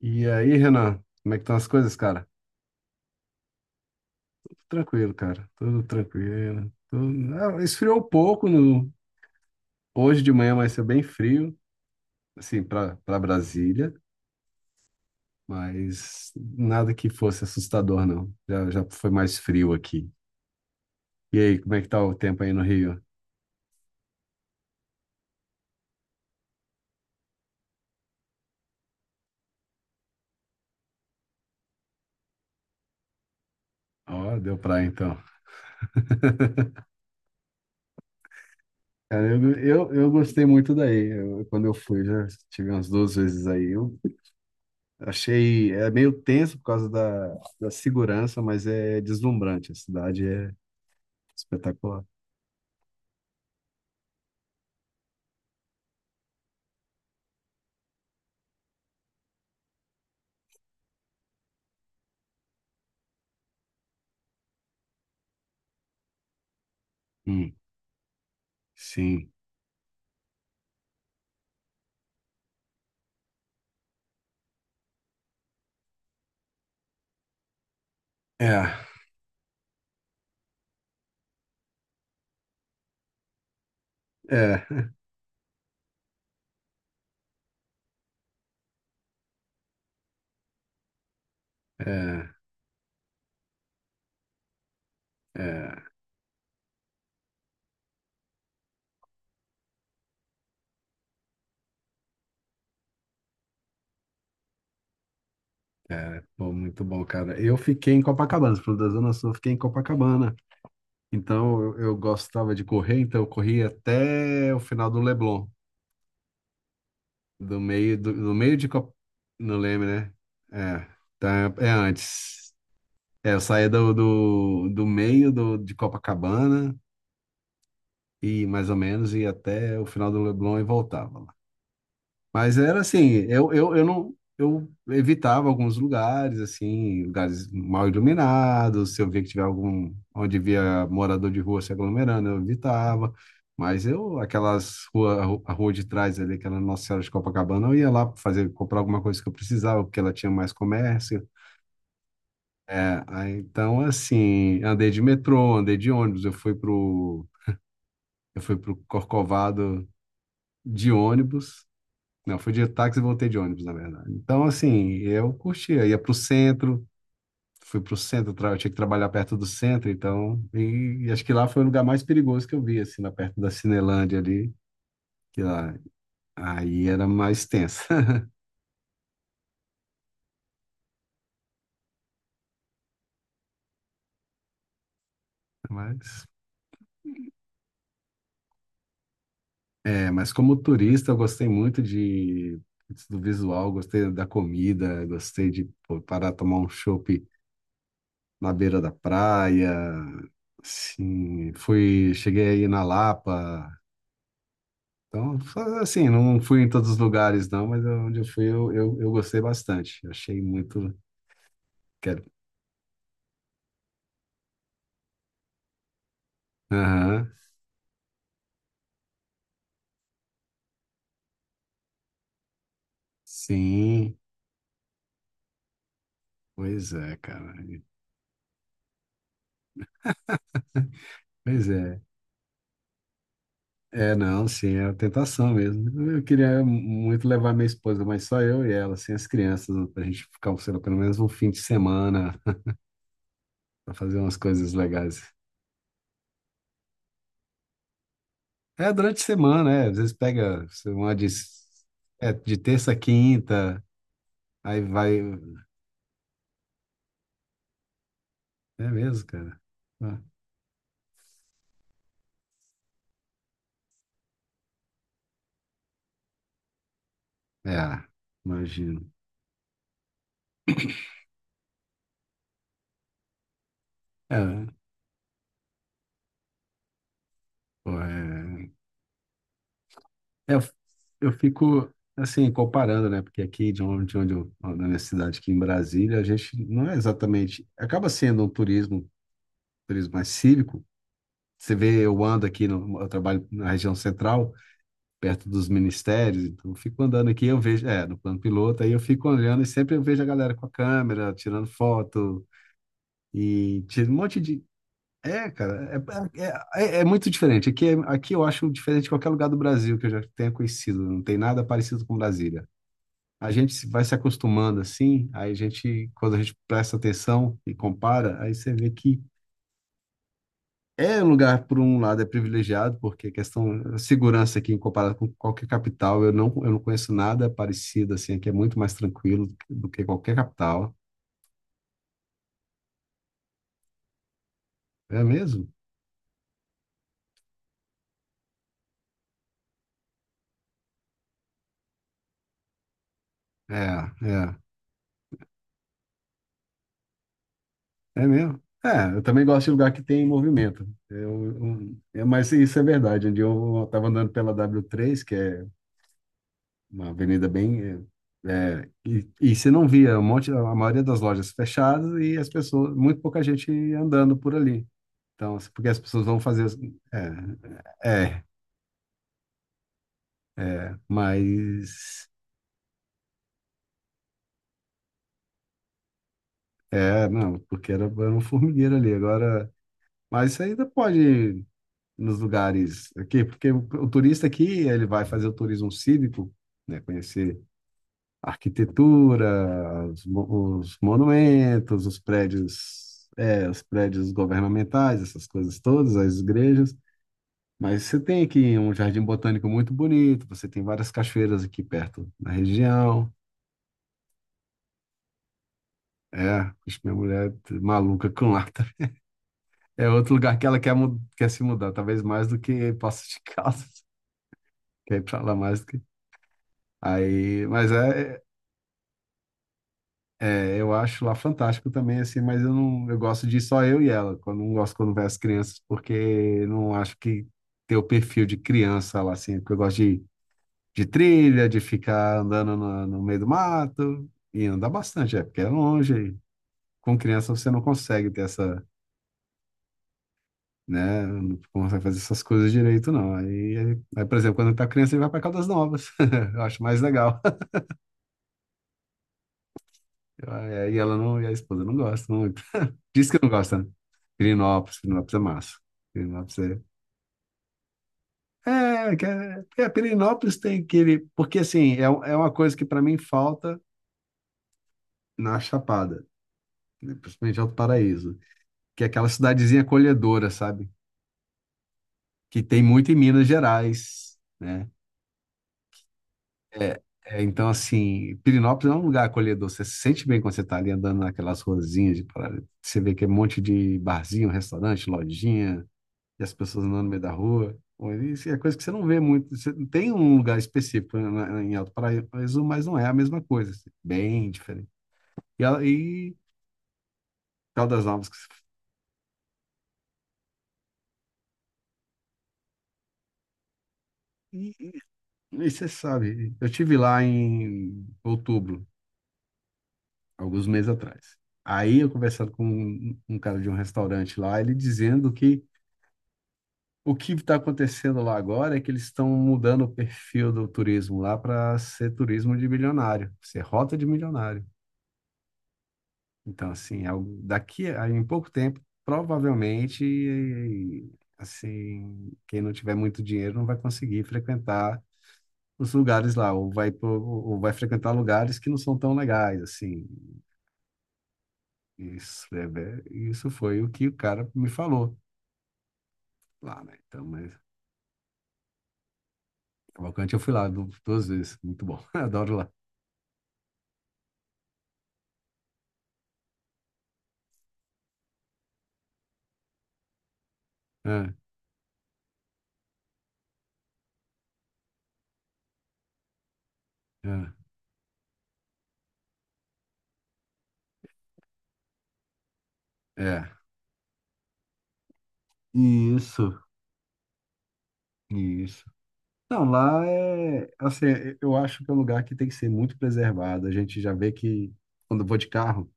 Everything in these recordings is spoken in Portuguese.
E aí, Renan, como é que estão as coisas, cara? Tranquilo, cara. Tudo tranquilo. Tudo... esfriou um pouco no hoje de manhã, vai ser bem frio, assim, para Brasília, mas nada que fosse assustador, não. Já foi mais frio aqui. E aí, como é que tá o tempo aí no Rio? Ó, deu praia então. Cara, eu gostei muito daí. Quando eu fui, já tive umas duas vezes aí. Eu achei, é meio tenso por causa da segurança, mas é deslumbrante. A cidade é espetacular. Hum, sim. É, é, é, é, é. Pô, muito bom, cara. Eu fiquei em Copacabana, você falou da Zona Sul, eu fiquei em Copacabana. Então, eu gostava de correr, então eu corri até o final do Leblon. Do meio, do meio de não lembro, né? É, tá, é antes. É, eu saía do meio de Copacabana, e mais ou menos, ia até o final do Leblon e voltava. Mas era assim, eu não eu evitava alguns lugares, assim, lugares mal iluminados, se eu via que tiver algum onde via morador de rua se aglomerando, eu evitava. Mas eu, aquelas rua, a rua de trás ali, aquela Nossa Senhora de Copacabana, eu ia lá fazer comprar alguma coisa que eu precisava, porque ela tinha mais comércio. É, aí, então assim, andei de metrô, andei de ônibus, eu fui pro Corcovado de ônibus. Não, fui de táxi e voltei de ônibus, na verdade. Então, assim, eu curtia. Ia pro centro, fui pro centro, eu tinha que trabalhar perto do centro, então. E acho que lá foi o lugar mais perigoso que eu vi, assim, lá perto da Cinelândia ali, que lá. Aí era mais tenso. Mas, é, mas como turista, eu gostei muito de, do visual, gostei da comida, gostei de pô, parar tomar um chopp na beira da praia. Assim, fui, cheguei aí na Lapa, então, assim, não fui em todos os lugares, não, mas onde eu fui eu gostei bastante. Achei muito. Quero. Aham, sim. Pois é, cara. Pois é. É, não, sim, é a tentação mesmo. Eu queria muito levar minha esposa, mas só eu e ela, sem as crianças, pra gente ficar, sei lá, pelo menos um fim de semana, pra fazer umas coisas legais. É, durante a semana, é. Às vezes pega sei lá, de, é, de terça a quinta, aí vai. É mesmo, cara. Ah. É, imagino. É, pô, é, é, eu fico assim comparando, né? Porque aqui de onde eu, na minha cidade aqui em Brasília, a gente não é exatamente, acaba sendo um turismo, turismo mais cívico. Você vê, eu ando aqui, no, eu trabalho na região central, perto dos ministérios, então eu fico andando aqui, eu vejo, é, no plano piloto, aí eu fico olhando e sempre eu vejo a galera com a câmera, tirando foto e tira um monte de, é, cara, é, é, é muito diferente. Aqui, aqui eu acho diferente de qualquer lugar do Brasil que eu já tenha conhecido. Não tem nada parecido com Brasília. A gente se- vai se acostumando assim, aí a gente, quando a gente presta atenção e compara, aí você vê que é um lugar, por um lado, é privilegiado, porque a questão a segurança aqui, em comparado com qualquer capital, eu não conheço nada parecido assim, aqui é muito mais tranquilo do que qualquer capital. É mesmo? É, é. É mesmo? É, eu também gosto de lugar que tem movimento. Eu, é, mas isso é verdade. Um dia eu estava andando pela W3, que é uma avenida bem. É, é, e você não via um monte, a maioria das lojas fechadas e as pessoas, muito pouca gente andando por ali. Então, assim, porque as pessoas vão fazer. É, é, é, mas. É, não, porque era, era um formigueiro ali. Agora. Mas isso ainda pode nos lugares aqui, porque o turista aqui, ele vai fazer o turismo cívico, né, conhecer a arquitetura, os, os monumentos, os prédios, é, os prédios governamentais, essas coisas todas, as igrejas. Mas você tem aqui um jardim botânico muito bonito, você tem várias cachoeiras aqui perto na região. É, acho que minha mulher é maluca com lá. Tá? É outro lugar que ela quer, quer se mudar, talvez mais do que Poços de Caldas. Quer ir pra lá mais do que. Aí, mas é, é, eu acho lá fantástico também, assim, mas eu não, eu gosto de só eu e ela. Quando não gosto quando vai as crianças, porque não acho que ter o perfil de criança lá, assim, porque eu gosto de trilha, de ficar andando no, meio do mato e andar bastante, é, porque é longe. Com criança você não consegue ter essa, né, não consegue fazer essas coisas direito, não. Aí, por exemplo, quando tá criança, ele vai para Caldas Novas. Eu acho mais legal. E a esposa não gosta, diz que não gosta, né? Pirinópolis, Pirinópolis é massa. Pirinópolis é. É, que é, é, Pirinópolis tem aquele. Porque, assim, é, é uma coisa que para mim falta na Chapada, né? Principalmente Alto Paraíso, que é aquela cidadezinha acolhedora, sabe? Que tem muito em Minas Gerais, né? É, é, então, assim, Pirinópolis é um lugar acolhedor. Você se sente bem quando você está ali andando naquelas ruazinhas de Paraíso. Você vê que é um monte de barzinho, restaurante, lojinha, e as pessoas andando no meio da rua. Bom, isso é coisa que você não vê muito. Você não tem um lugar específico em Alto Paraíso, mas não é a mesma coisa. Assim, bem diferente. E Caldas Novas. Que se- E, e você sabe, eu tive lá em outubro, alguns meses atrás. Aí eu conversando com um, um cara de um restaurante lá, ele dizendo que o que está acontecendo lá agora é que eles estão mudando o perfil do turismo lá para ser turismo de milionário, ser rota de milionário. Então, assim, daqui a em pouco tempo, provavelmente, assim, quem não tiver muito dinheiro não vai conseguir frequentar os lugares lá, ou vai, ou vai frequentar lugares que não são tão legais, assim. Isso, é, isso foi o que o cara me falou lá, né? Então, mas Cavalcante eu fui lá duas vezes, muito bom, adoro lá. É, é, é. Isso, isso. Não, lá é, assim, eu acho que é um lugar que tem que ser muito preservado. A gente já vê que quando eu vou de carro,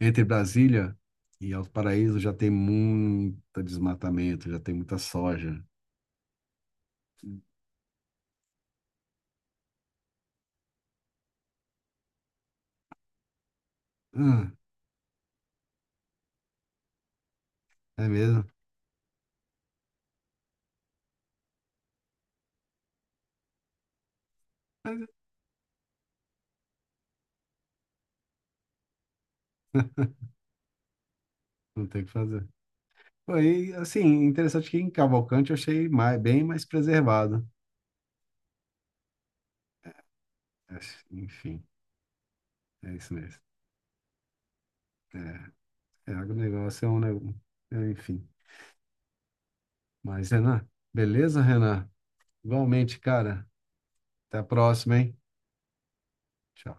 entre Brasília e Alto Paraíso já tem muito desmatamento, já tem muita soja. Ah, é mesmo? Mas não tem o que fazer. Foi, assim, interessante que em Cavalcante eu achei bem mais preservado. Mas, enfim, é isso mesmo. É, é agronegócio é um negócio, enfim. Mas, Renan, beleza, Renan? Igualmente, cara. Até a próxima, hein? Tchau.